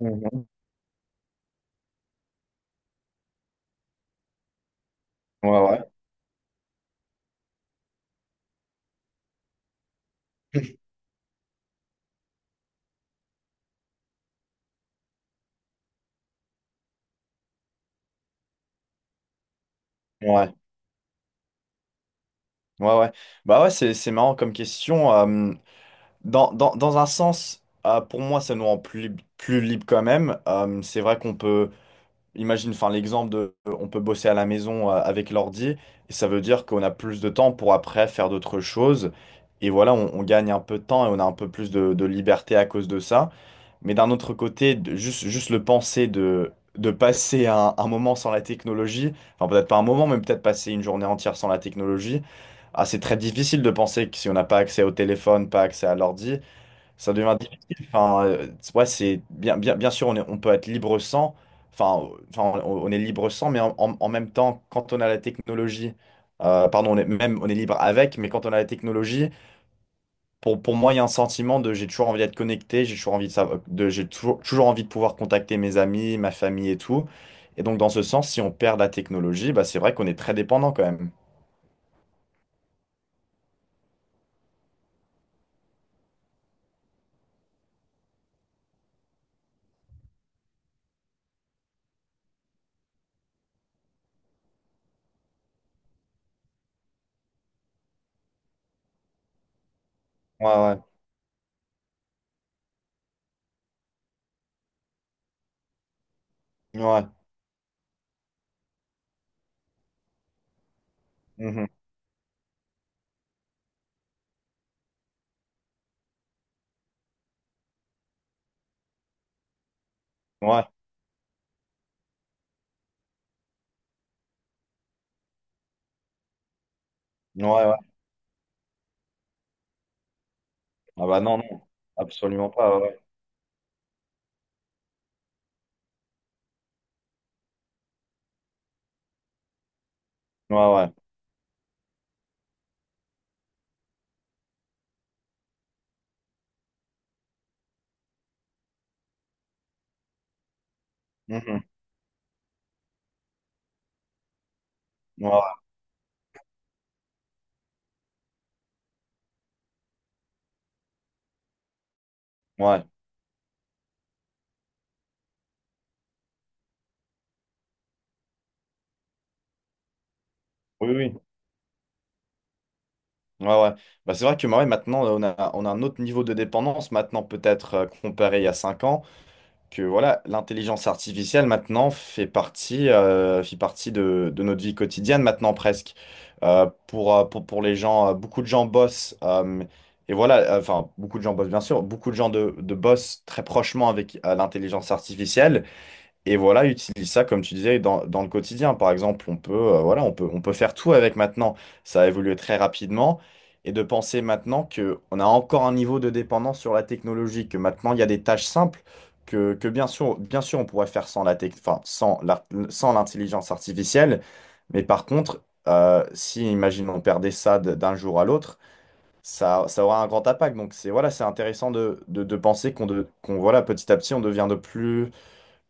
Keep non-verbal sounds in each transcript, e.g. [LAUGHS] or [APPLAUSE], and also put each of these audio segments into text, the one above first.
Mhm. Ouais, ouais, ouais, ouais, ouais. Bah ouais, c'est marrant comme question. Dans un sens, pour moi, ça nous rend plus libre quand même. C'est vrai qu'on peut, imagine, enfin, l'exemple de, on peut bosser à la maison avec l'ordi, et ça veut dire qu'on a plus de temps pour après faire d'autres choses. Et voilà, on gagne un peu de temps et on a un peu plus de liberté à cause de ça. Mais d'un autre côté, juste le penser de passer un moment sans la technologie, enfin peut-être pas un moment, mais peut-être passer une journée entière sans la technologie, ah, c'est très difficile de penser que si on n'a pas accès au téléphone, pas accès à l'ordi, ça devient difficile. Enfin, ouais, c'est bien, bien, bien sûr, on peut être libre sans, enfin, on est libre sans, mais en même temps, quand on a la technologie, pardon, même on est libre avec, mais quand on a la technologie, pour moi, il y a un sentiment de j'ai toujours envie d'être connecté, j'ai toujours envie de savoir, j'ai toujours envie de pouvoir contacter mes amis, ma famille et tout. Et donc, dans ce sens, si on perd la technologie, bah, c'est vrai qu'on est très dépendant quand même. Ouais, ouais, ouais, mhm, ouais, ouais, ouais. Ah bah non, non, absolument pas, ouais, ouais, ouais, mhm, ouais, ouais, oui, oui, ouais, ouais. Bah, c'est vrai que ouais, maintenant, on a un autre niveau de dépendance maintenant, peut-être comparé il y a 5 ans. Que voilà, l'intelligence artificielle maintenant fait partie de notre vie quotidienne maintenant presque. Pour les gens, beaucoup de gens bossent, enfin beaucoup de gens bossent bien sûr, beaucoup de gens de bossent très prochement avec l'intelligence artificielle. Et voilà, utilise ça, comme tu disais, dans le quotidien. Par exemple, voilà, on peut faire tout avec maintenant. Ça a évolué très rapidement. Et de penser maintenant qu'on a encore un niveau de dépendance sur la technologie, que maintenant il y a des tâches simples, que bien sûr, on pourrait faire sans la tech- enfin, sans l'intelligence artificielle. Mais par contre, si, imaginons, on perdait ça d'un jour à l'autre, ça aura un grand impact. Donc c'est voilà, c'est intéressant de penser qu'on, voilà, petit à petit, on devient de plus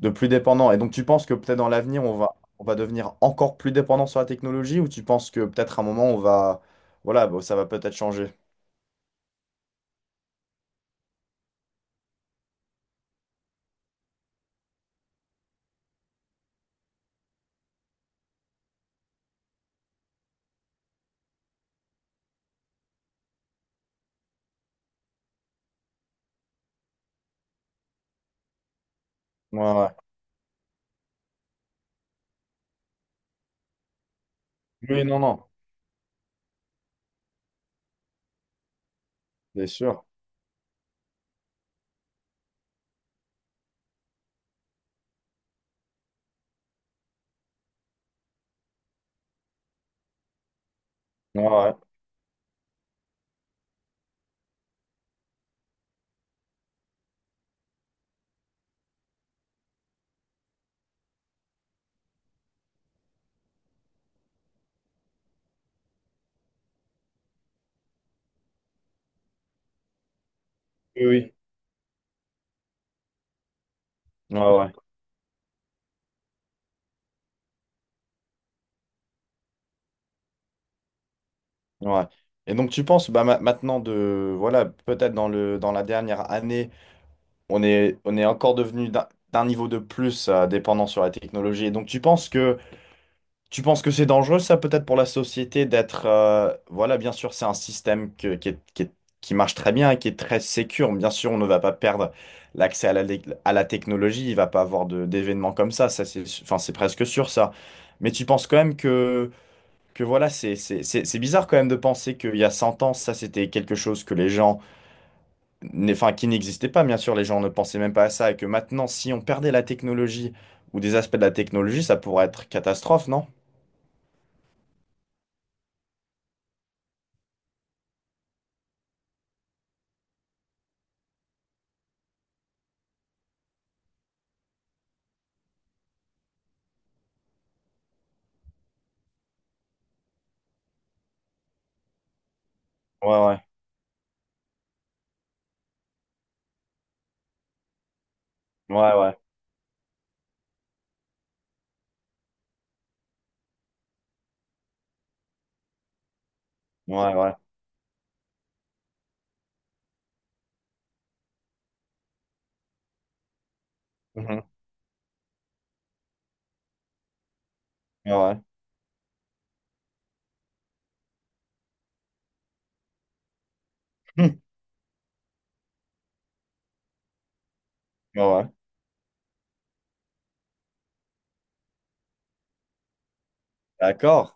de plus dépendant. Et donc, tu penses que peut-être dans l'avenir, on va devenir encore plus dépendant sur la technologie ou tu penses que peut-être à un moment, on va. Voilà, bah, ça va peut-être changer. Ouais, ouais. Oui, non, non, c'est sûr. Ouais, ouais. Oui, oui. Ouais, ouais. Ouais. Et donc, tu penses, bah, maintenant, voilà, peut-être dans la dernière année, on est encore devenu d'un niveau de plus dépendant sur la technologie. Et donc, tu penses que c'est dangereux, ça, peut-être pour la société d'être voilà, bien sûr, c'est un système qui marche très bien et qui est très sécure. Bien sûr, on ne va pas perdre l'accès à la technologie. Il va pas avoir d'événements comme ça. Ça, enfin, c'est presque sûr, ça. Mais tu penses quand même que voilà, c'est bizarre quand même de penser qu'il y a 100 ans, ça, c'était quelque chose que les gens enfin, qui n'existait pas, bien sûr. Les gens ne pensaient même pas à ça. Et que maintenant, si on perdait la technologie ou des aspects de la technologie, ça pourrait être catastrophe, non? Ouais, ouais. Ouais, ouais. Ouais, ouais. Mhm. Ouais, ouais. [LAUGHS] Hum. Ouais, ouais. D'accord.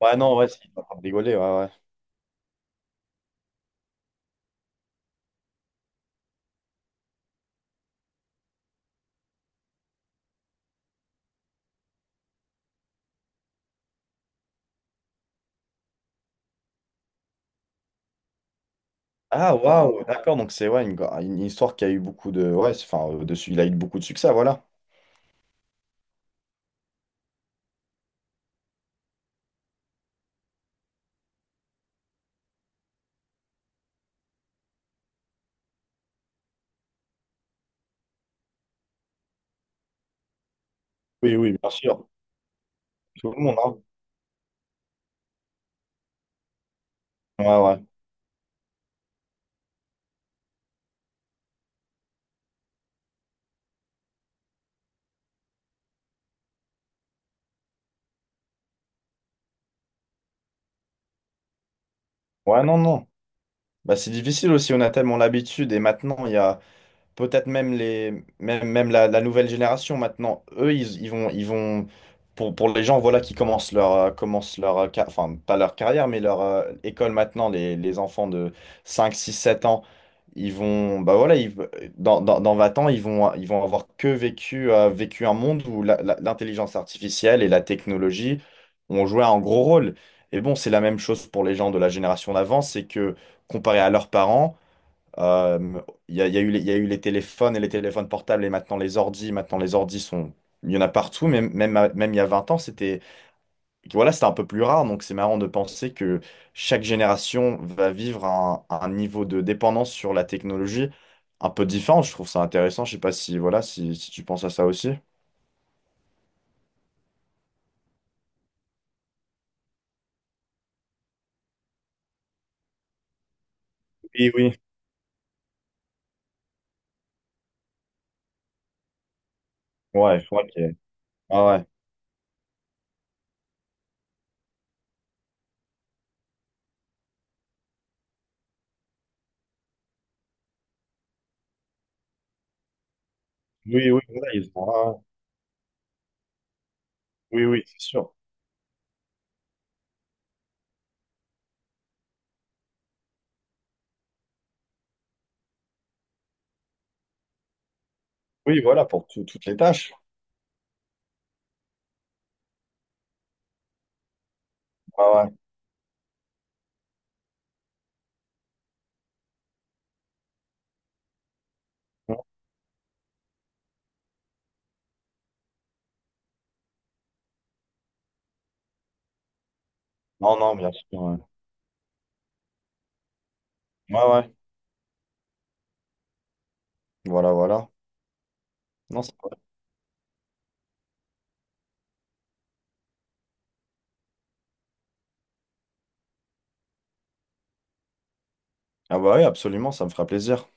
Ouais, non, ouais, c'est pas pour rigoler, ouais, ouais. Ah, waouh, d'accord. Donc, c'est ouais, une histoire qui a eu beaucoup de. Ouais, enfin, il a eu beaucoup de succès, voilà. Oui, oui, bien sûr. Tout le monde, hein. Ouais, ouais. Ouais, non, non. Bah, c'est difficile aussi, on a tellement l'habitude. Et maintenant, il y a. Peut-être même même la nouvelle génération maintenant eux ils vont pour les gens voilà qui commencent leur enfin pas leur carrière mais leur école maintenant, les enfants de 5, 6, 7 ans ils vont bah voilà, dans 20 ans ils vont avoir que vécu un monde où l'intelligence artificielle et la technologie ont joué un gros rôle, et bon c'est la même chose pour les gens de la génération d'avant, c'est que comparé à leurs parents. euh, il y a eu les téléphones et les téléphones portables et maintenant les ordis. Maintenant, les ordis sont. Il y en a partout, même il y a 20 ans, c'était un peu plus rare. Donc, c'est marrant de penser que chaque génération va vivre un niveau de dépendance sur la technologie un peu différent. Je trouve ça intéressant. Je sais pas si, voilà, si tu penses à ça aussi. Oui, oui. Ouais, je crois que. Ah ouais. Oui, oui, voilà, ah ouais. Oui, oui, c'est sûr. Oui, voilà, pour toutes les tâches. Ah ouais. Non, non, bien sûr. Ouais, ouais. Ouais. Voilà, voilà. Non, c'est vrai. Ah bah oui, absolument, ça me fera plaisir.